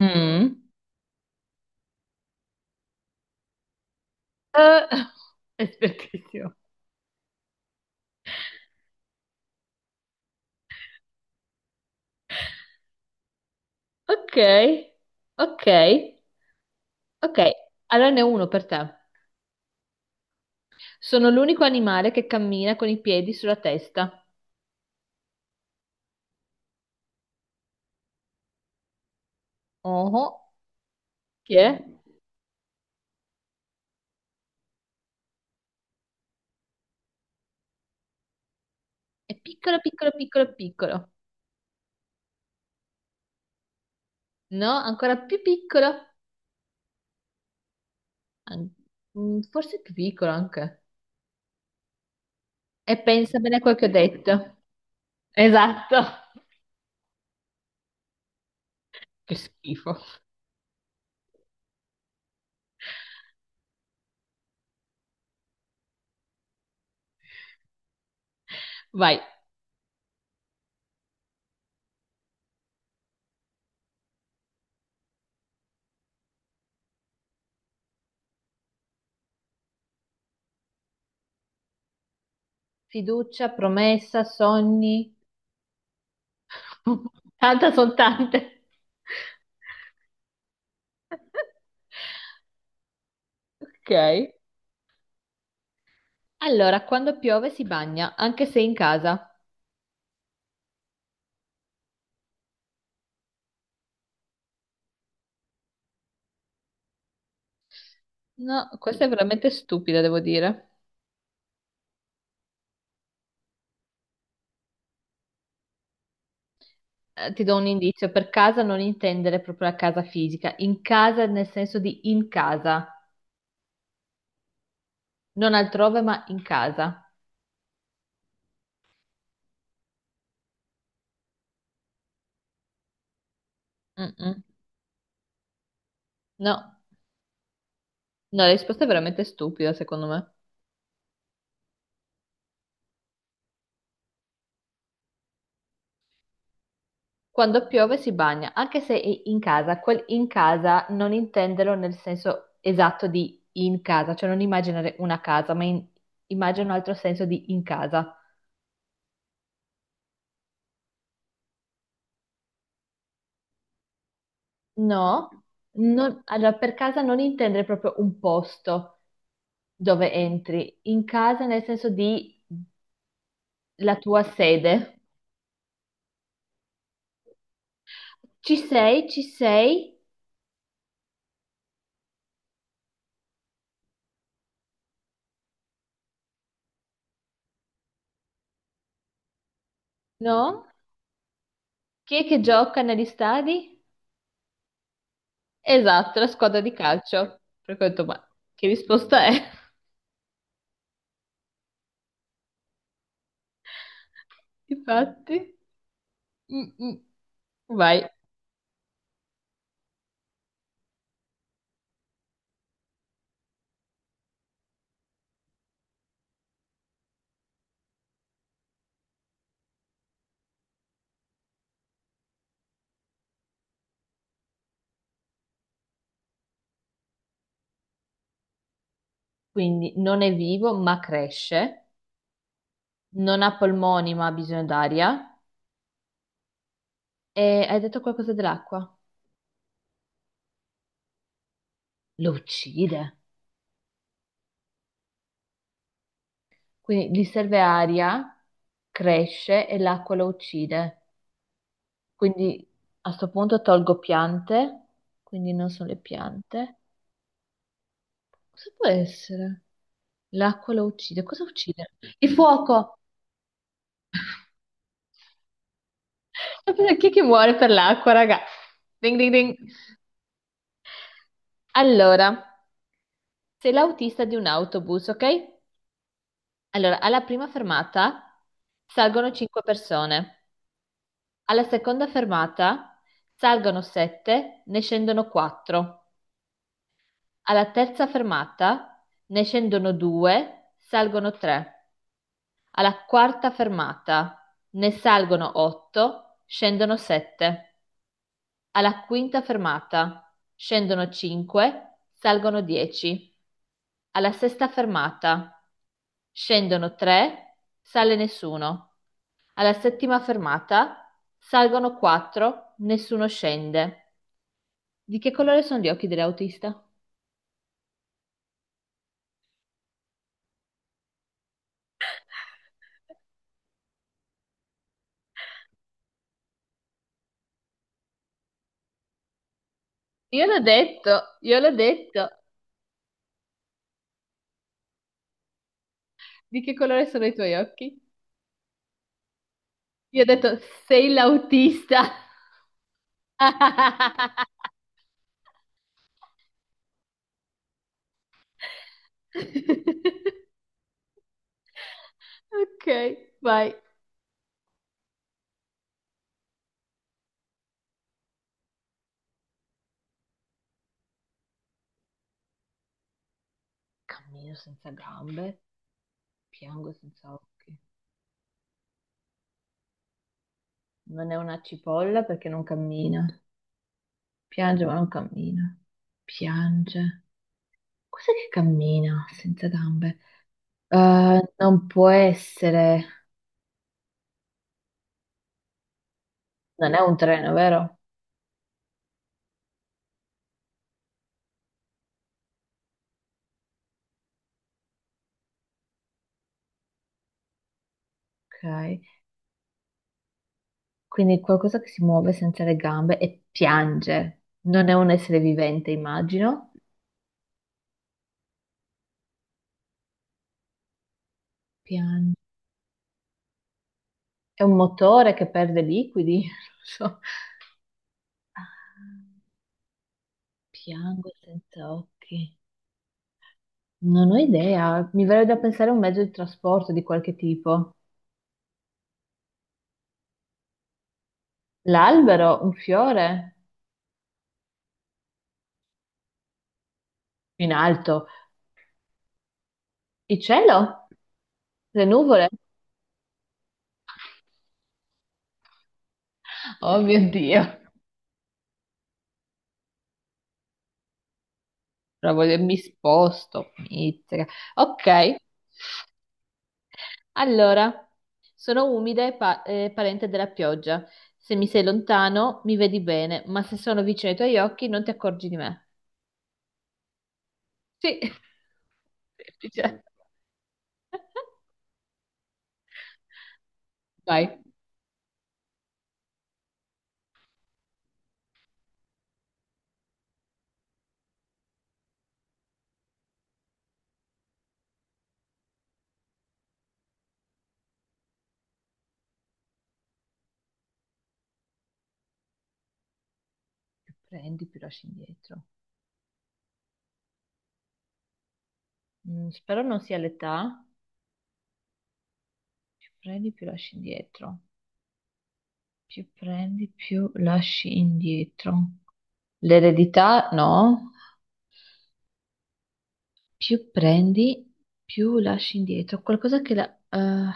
Mm. Eh, espertissimo. Ok, ok, ok. Allora ne ho uno per te. Sono l'unico animale che cammina con i piedi sulla testa. Oh, chi è? È piccolo, piccolo, piccolo, piccolo. No, ancora più piccolo. An- Forse più piccolo anche. E pensa bene a quel che ho detto. Esatto. Che schifo. Vai. Fiducia, promessa, sogni. Tanta sono tante. Ok. Allora, quando piove si bagna, anche se in casa. No, questa è veramente stupida, devo dire. Ti do un indizio, per casa non intendere proprio la casa fisica, in casa nel senso di in casa, non altrove ma in casa. Mm-mm. No, no, la risposta è veramente stupida, secondo me. Quando piove si bagna, anche se è in casa, quel in casa non intenderlo nel senso esatto di in casa, cioè non immaginare una casa, ma immagina un altro senso di in casa. No, allora per casa non intendere proprio un posto dove entri, in casa nel senso di la tua sede. Ci sei, no? Chi è che gioca negli stadi? Esatto, la squadra di calcio. Per cui ho detto, ma che risposta è? Infatti, mm, mm, vai. Quindi non è vivo, ma cresce, non ha polmoni, ma ha bisogno d'aria. E hai detto qualcosa dell'acqua? Lo uccide. Quindi gli serve aria, cresce e l'acqua lo uccide. Quindi a sto punto tolgo piante, quindi non sono le piante. Cosa può essere? L'acqua lo uccide. Cosa uccide? Il fuoco! Chi è che muore per l'acqua, raga? Ding ding ding. Allora, sei l'autista di un autobus, ok? Allora, alla prima fermata salgono 5 persone, alla seconda fermata salgono 7, ne scendono 4. Alla terza fermata ne scendono due, salgono tre; alla quarta fermata ne salgono otto, scendono sette; alla quinta fermata scendono cinque, salgono dieci; alla sesta fermata scendono tre, sale nessuno; alla settima fermata salgono quattro, nessuno scende. Di che colore sono gli occhi dell'autista? Io l'ho detto, io l'ho detto. Di che colore sono i tuoi occhi? Io ho detto, sei l'autista. Ok, vai. Cammino senza gambe, piango senza occhi. Non è una cipolla perché non cammina. Piange ma non cammina. Piange. Cos'è che cammina senza gambe? Non può essere. Non è un treno, vero? Ok. Quindi qualcosa che si muove senza le gambe e piange. Non è un essere vivente, immagino. Piange. È un motore che perde liquidi. Non so. Ah, piange senza occhi. Non ho idea. Mi verrebbe da pensare a un mezzo di trasporto di qualche tipo. L'albero, un fiore in alto. Il cielo, le nuvole. Oh mio Dio. Però mi sposto. Mizzica. Ok. Allora, sono umida e parente della pioggia. Se mi sei lontano, mi vedi bene, ma se sono vicino ai tuoi occhi, non ti accorgi di me. Sì, semplice. Vai. Più prendi, più lasci indietro. Spero non sia l'età. Più prendi, più lasci indietro. Più prendi, più lasci indietro. L'eredità, no. Più prendi, più lasci indietro.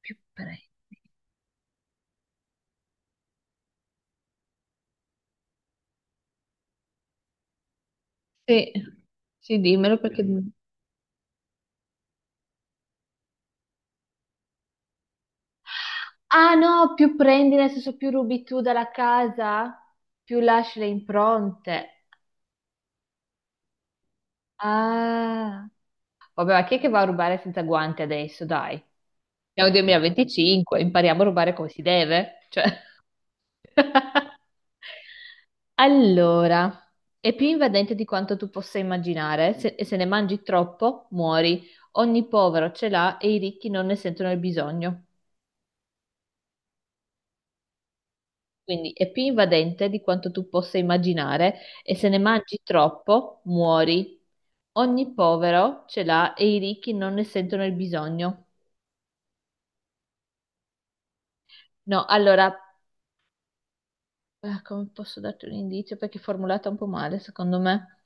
Più prendi. Sì, sì, dimmelo perché... Ah no, più prendi, nel senso più rubi tu dalla casa, più lasci le impronte. Ah, vabbè, ma chi è che va a rubare senza guanti adesso? Dai, siamo nel 2025, impariamo a rubare come si deve. Cioè. Allora, è più invadente di quanto tu possa immaginare e se ne mangi troppo, muori. Ogni povero ce l'ha e i ricchi non ne sentono il bisogno. Quindi è più invadente di quanto tu possa immaginare e se ne mangi troppo muori. Ogni povero ce l'ha e i ricchi non ne sentono il bisogno. No, allora, come posso darti un indizio? Perché è formulata un po' male, secondo me.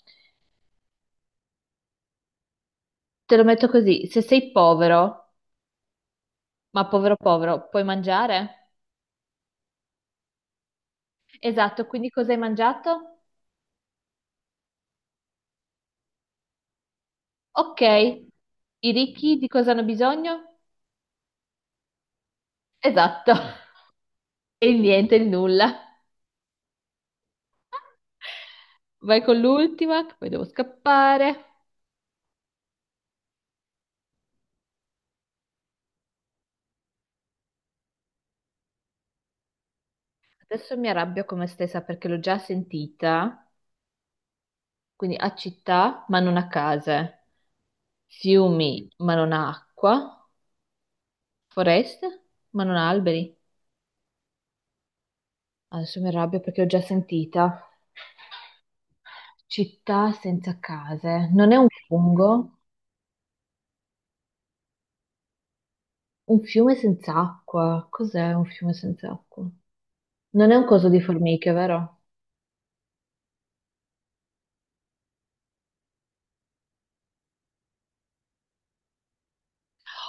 Te lo metto così, se sei povero, ma povero povero, puoi mangiare? Esatto, quindi cosa hai mangiato? Ok, i ricchi di cosa hanno bisogno? Esatto, e il niente, il nulla. Vai con l'ultima, che poi devo scappare. Adesso mi arrabbio con me stessa perché l'ho già sentita. Quindi a città, ma non a case. Fiumi, ma non a acqua. Foreste, ma non ha alberi. Adesso mi arrabbio perché l'ho già sentita. Città senza case. Non è un fungo? Un fiume senza acqua. Cos'è un fiume senza acqua? Non è un coso di formiche, vero?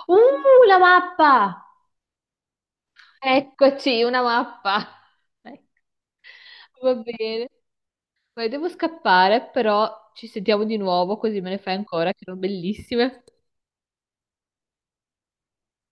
La mappa! Eccoci, una mappa. Ecco. Va bene. Poi devo scappare, però ci sentiamo di nuovo così me ne fai ancora, che erano bellissime.